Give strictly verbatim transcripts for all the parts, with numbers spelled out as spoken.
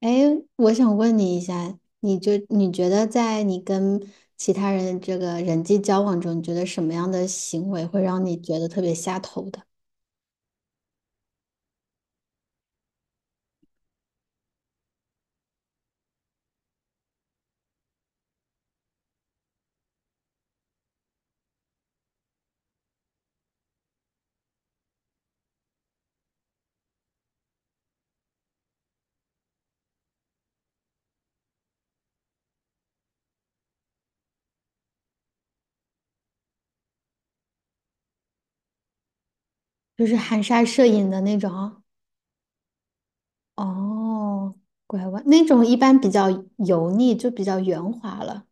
哎，我想问你一下，你就你觉得在你跟其他人这个人际交往中，你觉得什么样的行为会让你觉得特别下头的？就是含沙射影的那种。哦，拐弯那种一般比较油腻，就比较圆滑了。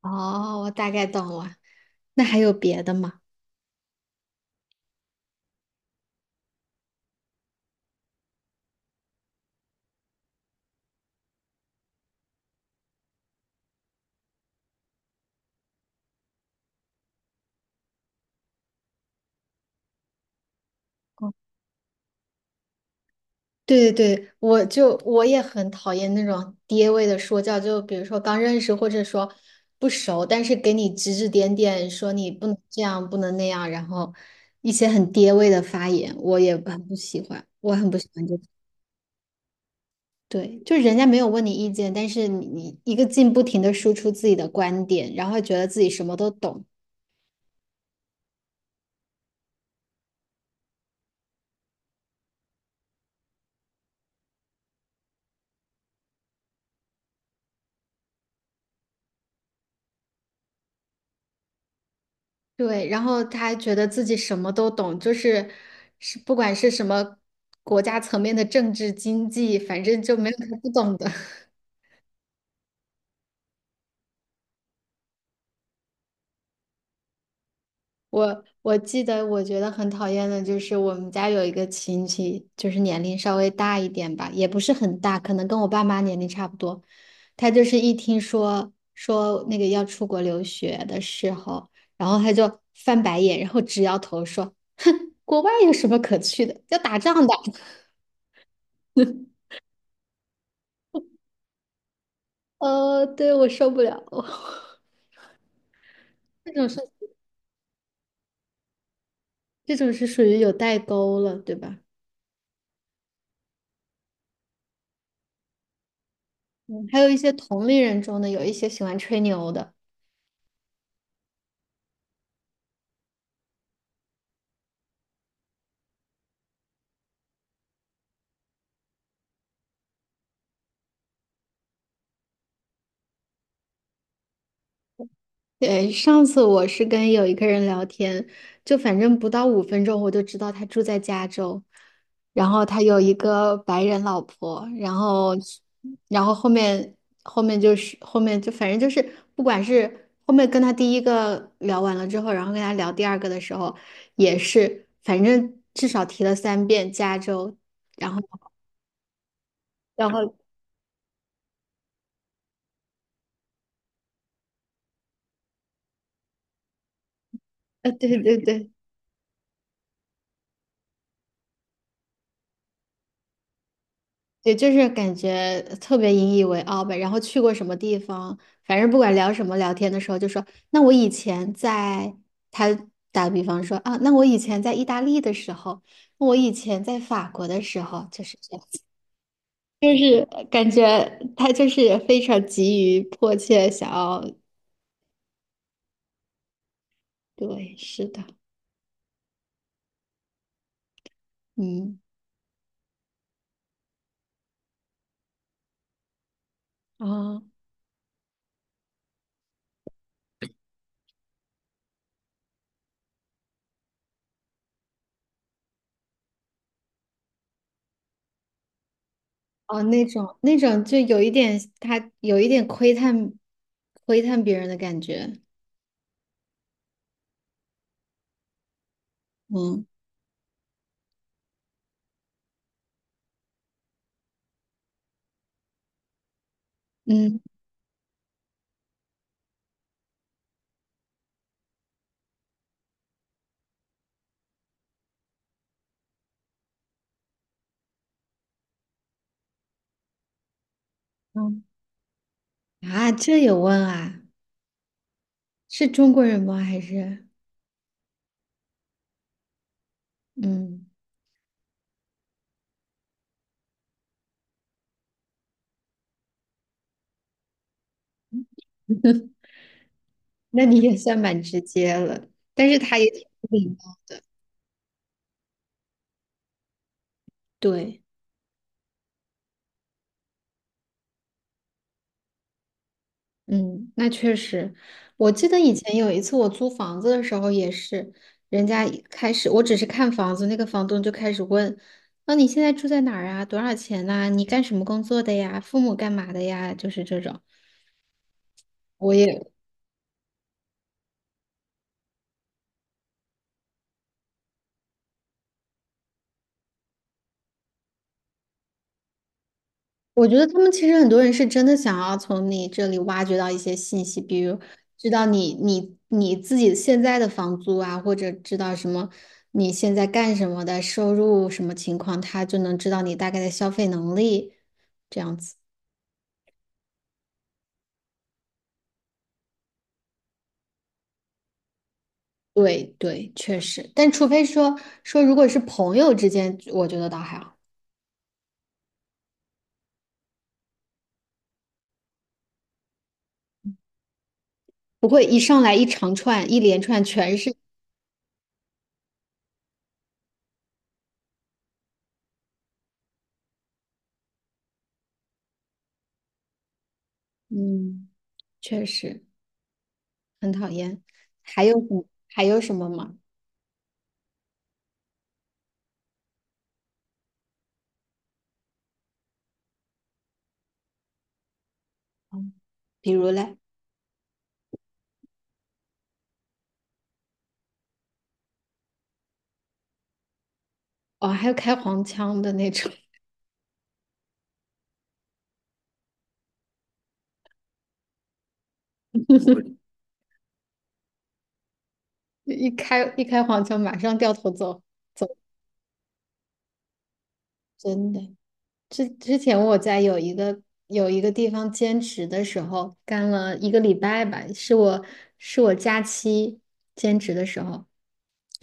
哦，我大概懂了。那还有别的吗？对对对，我就我也很讨厌那种爹味的说教，就比如说刚认识或者说不熟，但是给你指指点点，说你不能这样，不能那样，然后一些很爹味的发言，我也很不喜欢，我很不喜欢这种。对，就是人家没有问你意见，但是你你一个劲不停的输出自己的观点，然后觉得自己什么都懂。对，然后他还觉得自己什么都懂，就是是不管是什么国家层面的政治经济，反正就没有他不懂的。我我记得，我觉得很讨厌的就是我们家有一个亲戚，就是年龄稍微大一点吧，也不是很大，可能跟我爸妈年龄差不多。他就是一听说说那个要出国留学的时候，然后他就翻白眼，然后直摇头说：“国外有什么可去的？要打仗的。” 呃，对，我受不了。这种是这种是属于有代沟了，对吧？嗯，还有一些同龄人中的有一些喜欢吹牛的。对，上次我是跟有一个人聊天，就反正不到五分钟，我就知道他住在加州，然后他有一个白人老婆。然后然后后面后面就是后面就反正就是不管是后面跟他第一个聊完了之后，然后跟他聊第二个的时候，也是反正至少提了三遍加州，然后。然后啊，对对对对，就是感觉特别引以为傲呗。然后去过什么地方，反正不管聊什么聊天的时候，就说那我以前在，他打个比方说啊，那我以前在意大利的时候，我以前在法国的时候，就是这样子，感觉他就是非常急于迫切想要，对，是的。嗯，啊哦，那种那种就有一点他有一点窥探窥探别人的感觉。嗯嗯。嗯啊，这有问啊？是中国人吗？还是嗯，那你也算蛮直接了，但是他也挺不礼貌的。对，嗯，那确实，我记得以前有一次我租房子的时候也是，人家一开始我只是看房子，那个房东就开始问，那、你现在住在哪儿啊？多少钱呐、你干什么工作的呀？父母干嘛的呀？就是这种。我也我觉得他们其实很多人是真的想要从你这里挖掘到一些信息，比如知道你你你自己现在的房租啊，或者知道什么你现在干什么的收入什么情况，他就能知道你大概的消费能力，这样子。对对，确实，但除非说说如果是朋友之间，我觉得倒还好，不会一上来一长串一连串全是 嗯，确实很讨厌。还有什还有什么吗？嗯，比如嘞？哦，还有开黄腔的那种。一开一开黄腔马上掉头走走，真的。之之前我在有一个有一个地方兼职的时候，干了一个礼拜吧，是我是我假期兼职的时候，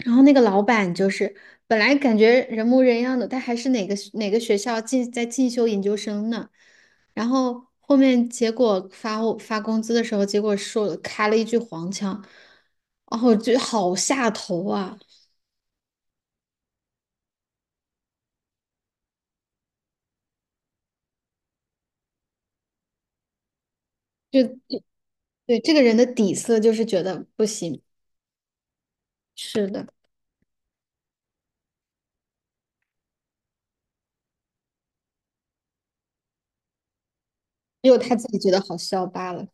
然后那个老板就是本来感觉人模人样的，他还是哪个哪个学校进在进修研究生呢。然后后面结果发我发工资的时候，结果说开了一句黄腔，哦，我觉得好下头啊！就对这个人的底色就是觉得不行，是的，只有他自己觉得好笑罢了。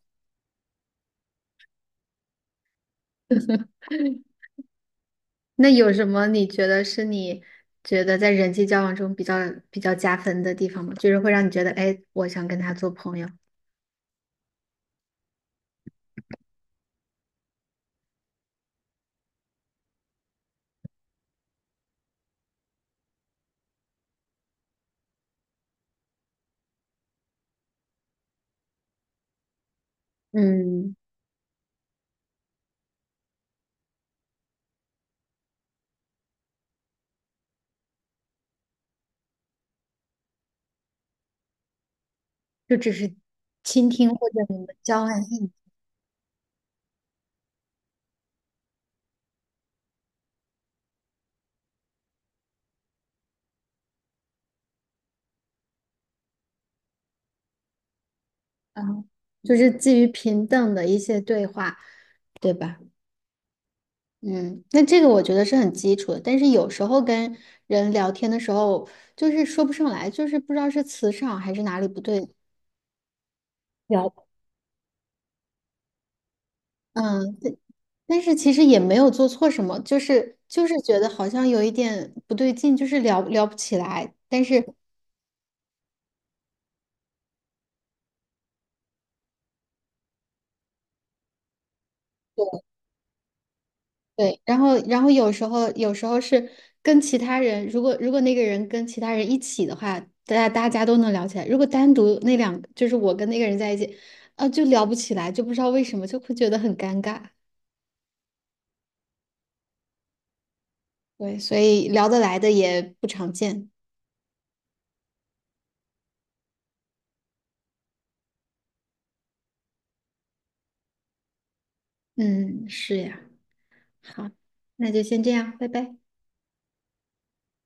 那有什么你觉得是你觉得在人际交往中比较比较加分的地方吗？就是会让你觉得，哎，我想跟他做朋友。嗯，就只是倾听或者你们交换意见。嗯，就是基于平等的一些对话，对吧？嗯，那这个我觉得是很基础的，但是有时候跟人聊天的时候，就是说不上来，就是不知道是磁场还是哪里不对。聊，嗯，但但是其实也没有做错什么，就是就是觉得好像有一点不对劲，就是聊聊不起来，但是。对，然后然后有时候有时候是跟其他人，如果如果那个人跟其他人一起的话，大家大家都能聊起来。如果单独那两，就是我跟那个人在一起，啊，就聊不起来，就不知道为什么，就会觉得很尴尬。对，所以聊得来的也不常见。嗯，是呀。好，那就先这样，拜拜。